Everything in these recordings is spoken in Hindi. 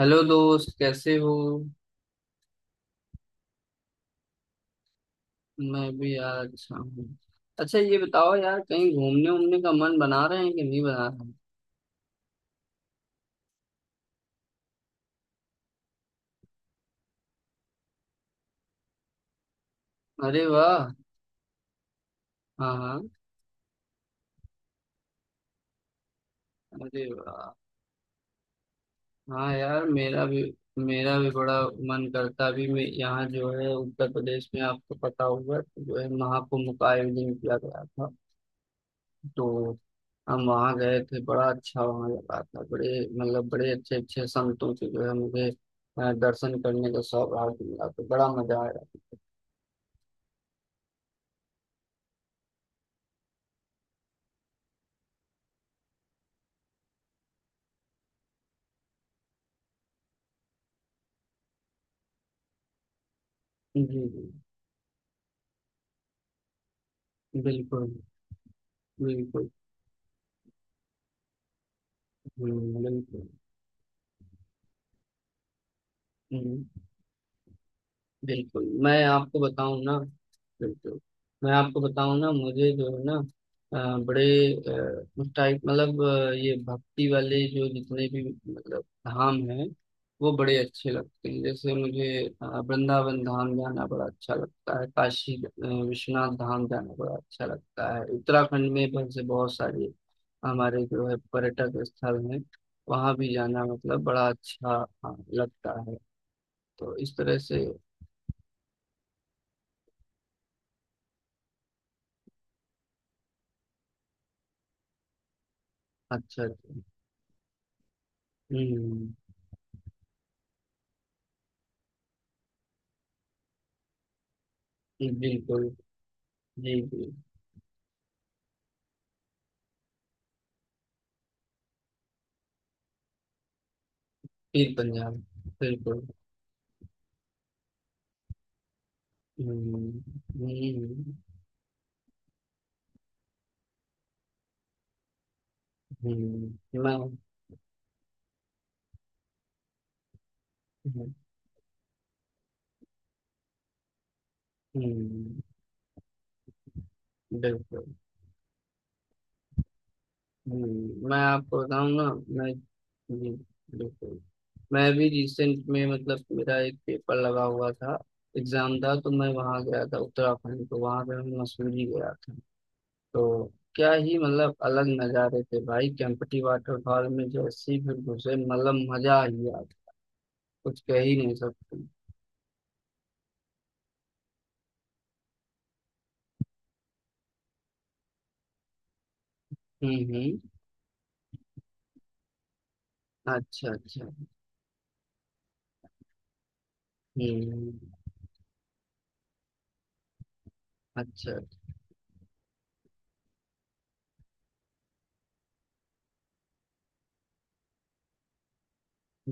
हेलो दोस्त, कैसे हो? मैं भी यार अच्छा हूँ। अच्छा, ये बताओ यार, कहीं घूमने उमने का मन बना रहे हैं कि नहीं बना? रहे। अरे वाह। हाँ हाँ। अरे वाह। हाँ यार, मेरा भी बड़ा मन करता। अभी मैं यहाँ जो है उत्तर प्रदेश में, आपको पता होगा कि जो है महाकुंभ का आयोजन किया गया था, तो हम वहाँ गए थे। बड़ा अच्छा वहाँ लगा था। बड़े अच्छे अच्छे संतों से जो है मुझे दर्शन करने का सौभाग्य मिला, तो बड़ा मजा आया। जी जी। बिल्कुल बिल्कुल। बिल्कुल। हम्म, बिल्कुल, मैं आपको बताऊं ना। बिल्कुल, मैं आपको बताऊं ना, मुझे जो है ना बड़े उस टाइप मतलब ये भक्ति वाले जो जितने भी मतलब धाम हैं वो बड़े अच्छे लगते हैं। जैसे मुझे वृंदावन धाम जाना बड़ा अच्छा लगता है, काशी विश्वनाथ धाम जाना बड़ा अच्छा लगता है। उत्तराखंड में वैसे बहुत सारे हमारे जो है पर्यटक स्थल में वहाँ भी जाना मतलब बड़ा अच्छा, हाँ, लगता है। तो इस तरह से। अच्छा अच्छा। हम्म। जी, बिल्कुल। जी जी। पीर पंजाब। बिल्कुल। हम्म हम्म। हम्म। मैं हम्म हम्म, बिल्कुल। मैं आपको बताऊं ना। मैं। जी। बिल्कुल। मैं भी रिसेंट में मतलब मेरा एक पेपर लगा हुआ था। एग्जाम था, तो मैं वहाँ गया था उत्तराखंड, तो वहाँ पे मैं मसूरी गया था। तो क्या ही मतलब अलग नज़ारे थे भाई, केम्प्टी वाटरफॉल में जैसे ही फिर घुसे, मतलब मजा ही आ गया। कुछ कह ही नहीं सकते। हम्म। अच्छा अच्छा। हम्म। अच्छा।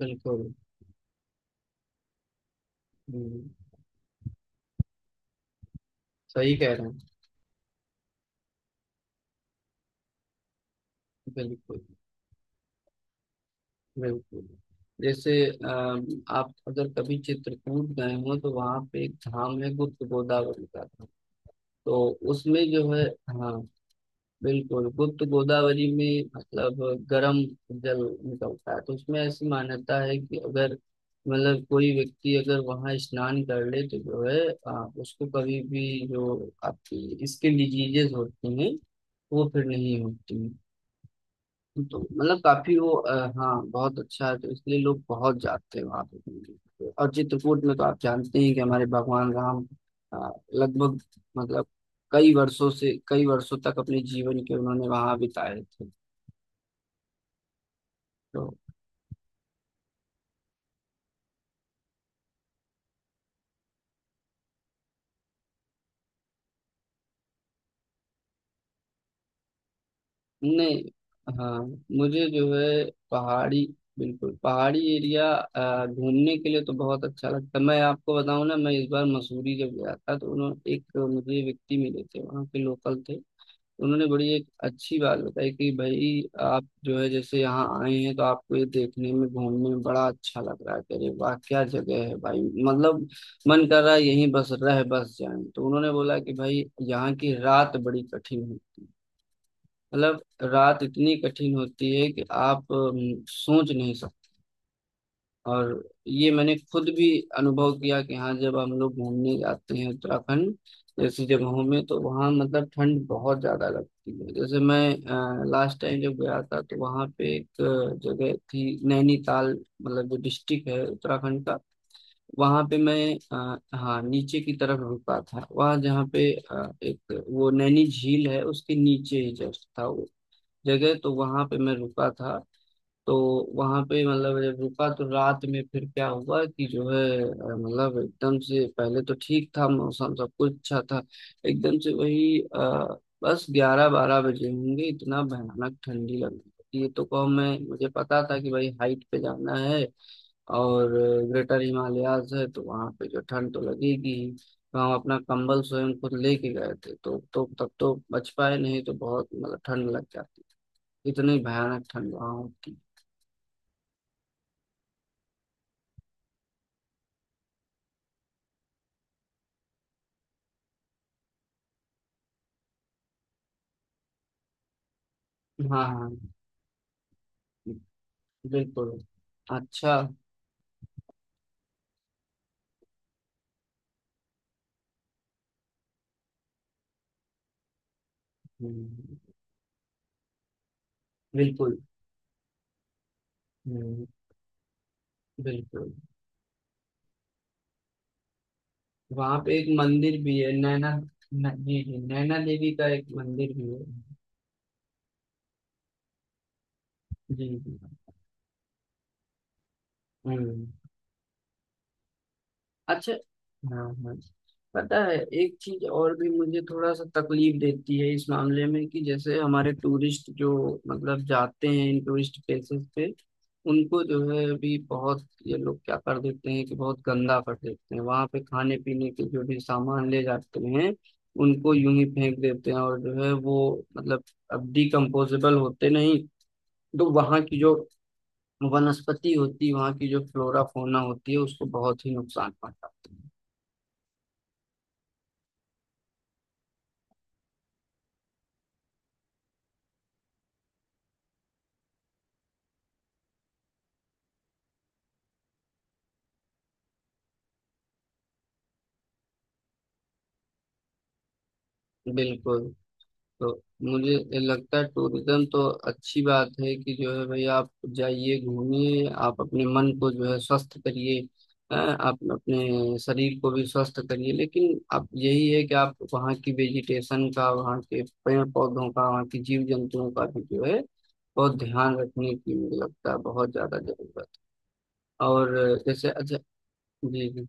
बिल्कुल। हम्म। सही कह रहे हैं। बिल्कुल बिल्कुल। जैसे आप अगर कभी चित्रकूट गए हो तो वहां पे एक धाम है गुप्त गोदावरी का, तो उसमें जो है। हाँ, बिल्कुल। गुप्त गोदावरी में मतलब गर्म जल निकलता है, तो उसमें ऐसी मान्यता है कि अगर मतलब कोई व्यक्ति अगर वहां स्नान कर ले तो जो है उसको कभी भी जो आपकी स्किन डिजीजेस होती हैं वो फिर नहीं होती। तो मतलब काफी वो हाँ बहुत अच्छा है, तो इसलिए लोग बहुत जाते हैं वहां पे। और चित्रकूट में तो आप जानते हैं कि हमारे भगवान राम लगभग मतलब कई वर्षों से कई वर्षों तक अपने जीवन के उन्होंने वहां बिताए थे। तो नहीं। हाँ, मुझे जो है पहाड़ी, बिल्कुल पहाड़ी एरिया घूमने के लिए तो बहुत अच्छा लगता है। मैं आपको बताऊं ना, मैं इस बार मसूरी जब गया था तो उन्होंने एक मुझे व्यक्ति मिले थे, वहाँ के लोकल थे। उन्होंने बड़ी एक अच्छी बात बताई कि भाई, आप जो है जैसे यहाँ आए हैं तो आपको ये देखने में घूमने में बड़ा अच्छा लग रहा है कि अरे वाह क्या जगह है भाई, मतलब मन कर रहा है यहीं बस रह बस जाएं। तो उन्होंने बोला कि भाई यहाँ की रात बड़ी कठिन है, मतलब रात इतनी कठिन होती है कि आप सोच नहीं। और ये मैंने खुद भी अनुभव किया कि हाँ जब हम लोग घूमने जाते हैं उत्तराखंड जैसी जगहों में तो वहाँ मतलब ठंड बहुत ज्यादा लगती है। जैसे मैं लास्ट टाइम जब गया था तो वहाँ पे एक जगह थी नैनीताल, मतलब जो डिस्ट्रिक्ट है उत्तराखंड का, वहाँ पे मैं हाँ नीचे की तरफ रुका था वहाँ, जहाँ पे एक वो नैनी झील है उसके नीचे ही जस्ट था वो जगह, तो वहाँ पे मैं रुका था। तो वहां पे मतलब जब रुका तो रात में फिर क्या हुआ कि जो है मतलब एकदम से पहले तो ठीक था, मौसम सब कुछ अच्छा था। एकदम से वही बस ग्यारह बारह बजे होंगे, इतना भयानक ठंडी लग रही थी। ये तो को मैं मुझे पता था कि भाई हाइट पे जाना है और ग्रेटर हिमालयाज है तो वहां पे जो ठंड तो लगेगी ही। तो हम अपना कंबल स्वयं खुद लेके गए थे, तो तब तो बच पाए, नहीं तो बहुत मतलब ठंड लग जाती। इतनी भयानक ठंड वहां होती। हाँ हाँ। बिल्कुल। अच्छा। हम्म, बिल्कुल। हम्म, बिल्कुल। वहां पे एक मंदिर भी है नैना, जी जी, नैना देवी का एक मंदिर भी है। जी जी। हम्म। अच्छा। हाँ हाँ, पता है। एक चीज और भी मुझे थोड़ा सा तकलीफ देती है इस मामले में कि जैसे हमारे टूरिस्ट जो मतलब जाते हैं इन टूरिस्ट प्लेसेस पे, उनको जो है अभी बहुत ये लोग क्या कर देते हैं कि बहुत गंदा कर देते हैं वहां पे, खाने पीने के जो भी सामान ले जाते हैं उनको यूं ही फेंक देते हैं और जो है वो मतलब अब डिकम्पोजेबल होते नहीं। तो वहां की जो वनस्पति होती है, वहां की जो फ्लोरा फौना होती है, उसको बहुत ही नुकसान पहुंचाते हैं। बिल्कुल। तो मुझे लगता है टूरिज्म तो अच्छी बात है कि जो है, भाई आप जाइए घूमिए, आप अपने मन को जो है स्वस्थ करिए, हाँ, आप अपने शरीर को भी स्वस्थ करिए। लेकिन आप यही है कि आप वहाँ की वेजिटेशन का, वहाँ के पेड़ पौधों का, वहाँ की जीव जंतुओं का भी जो है बहुत ध्यान रखने की मुझे लगता है बहुत ज्यादा जरूरत। और जैसे, अच्छा। जी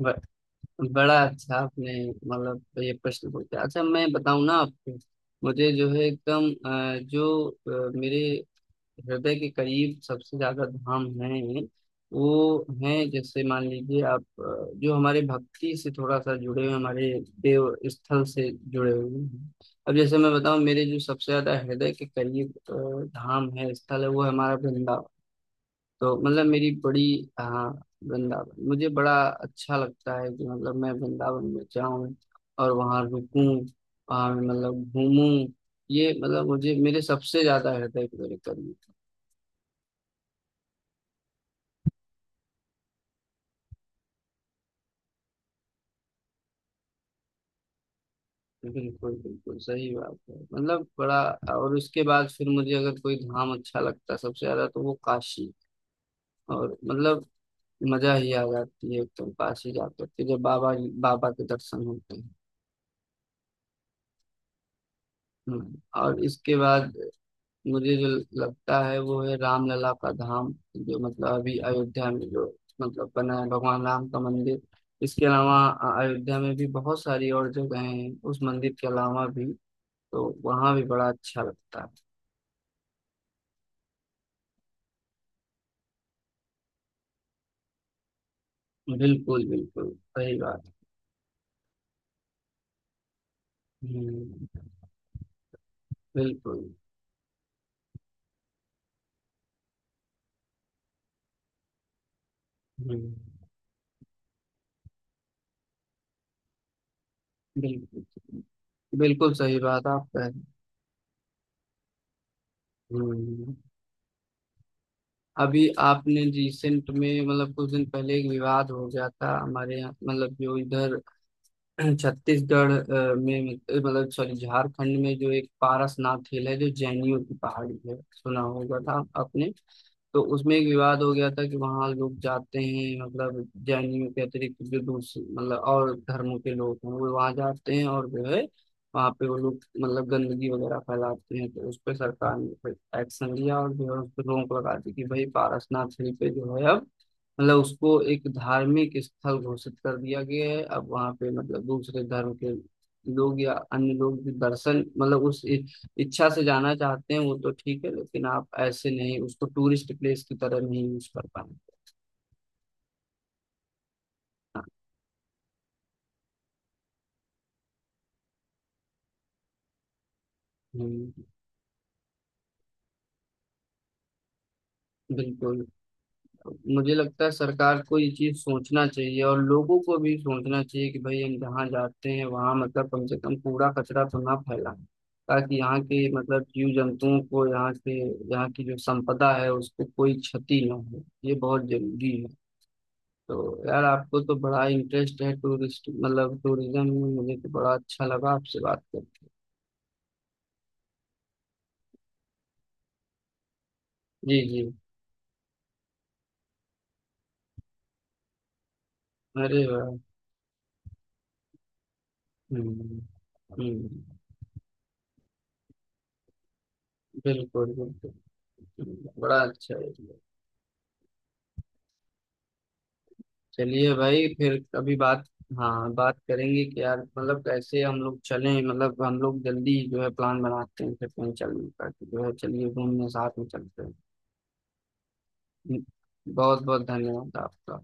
जी। बड़ा अच्छा आपने मतलब ये प्रश्न पूछा। अच्छा, मैं बताऊं ना आपको, मुझे जो है एकदम जो मेरे हृदय के करीब सबसे ज्यादा धाम है वो हैं जैसे मान लीजिए आप जो हमारे भक्ति से थोड़ा सा जुड़े हुए हमारे देव स्थल से जुड़े हुए हैं। अब जैसे मैं बताऊं मेरे जो सबसे ज्यादा हृदय के करीब धाम है, स्थल है, वो है हमारा वृंदावन। तो मतलब मेरी बड़ी। हाँ, वृंदावन मुझे बड़ा अच्छा लगता है कि मतलब मैं वृंदावन में जाऊं और वहां रुकूं, वहां मतलब घूमूं। ये मतलब मुझे मेरे सबसे ज्यादा हृदय को मेरे करीब। बिल्कुल बिल्कुल सही बात है, मतलब बड़ा। और उसके बाद फिर मुझे अगर कोई धाम अच्छा लगता है सबसे ज्यादा तो वो काशी। और मतलब मजा ही आ जाती है एकदम काशी जा करके जब बाबा, बाबा के दर्शन होते हैं। और इसके बाद मुझे जो लगता है वो है रामलला का धाम, जो मतलब अभी अयोध्या में जो मतलब बना है भगवान राम का मंदिर। इसके अलावा अयोध्या में भी बहुत सारी और जगह हैं उस मंदिर के अलावा भी। तो वहाँ भी बड़ा अच्छा लगता है। बिल्कुल बिल्कुल सही बात। हम्म। बिल्कुल। हम्म। बिल्कुल बिल्कुल सही बात आप कह रहे हैं। हम्म। अभी आपने रिसेंट में मतलब कुछ दिन पहले एक विवाद हो गया था हमारे यहाँ, मतलब जो इधर छत्तीसगढ़ में मतलब सॉरी झारखंड में, जो एक पारसनाथ हिल है, जो जैनियों की पहाड़ी है, सुना होगा था आपने। तो उसमें एक विवाद हो गया था कि वहाँ लोग जाते हैं मतलब जैनियों के अतिरिक्त जो दूसरे मतलब और धर्मों के लोग हैं वो वहाँ जाते हैं और जो है वहाँ पे वो लोग मतलब गंदगी वगैरह फैलाते हैं। तो उस पर सरकार ने फिर एक्शन लिया और जो है उस पर रोक लगा दी कि भाई पारसनाथ हिल पे जो है अब मतलब उसको एक धार्मिक स्थल घोषित कर दिया गया है। अब वहां पे मतलब दूसरे धर्म के लोग या अन्य लोग भी दर्शन मतलब उस इच्छा से जाना चाहते हैं वो तो ठीक है, लेकिन आप ऐसे नहीं उसको टूरिस्ट प्लेस की तरह नहीं यूज कर पाए। हाँ। हम्म, बिल्कुल। मुझे लगता है सरकार को ये चीज सोचना चाहिए और लोगों को भी सोचना चाहिए कि भाई हम जहाँ जाते हैं वहाँ मतलब कम से कम कूड़ा कचरा तो ना फैलाएं, ताकि यहाँ के मतलब जीव जंतुओं को, यहाँ के यहाँ की जो संपदा है उसको कोई क्षति ना हो, ये बहुत जरूरी है। तो यार, आपको तो बड़ा इंटरेस्ट है टूरिस्ट मतलब टूरिज्म में, मुझे तो बड़ा अच्छा लगा आपसे बात करके। जी जी। अरे वाह। हम्म हम्म। बिल्कुल बिल्कुल। बड़ा अच्छा है। चलिए भाई, फिर कभी बात, हाँ बात करेंगे कि यार मतलब कैसे हम लोग चलें, मतलब हम लोग जल्दी जो है प्लान बनाते हैं फिर कहीं चलने का कि जो है चलिए घूमने साथ में चलते हैं। बहुत बहुत धन्यवाद आपका।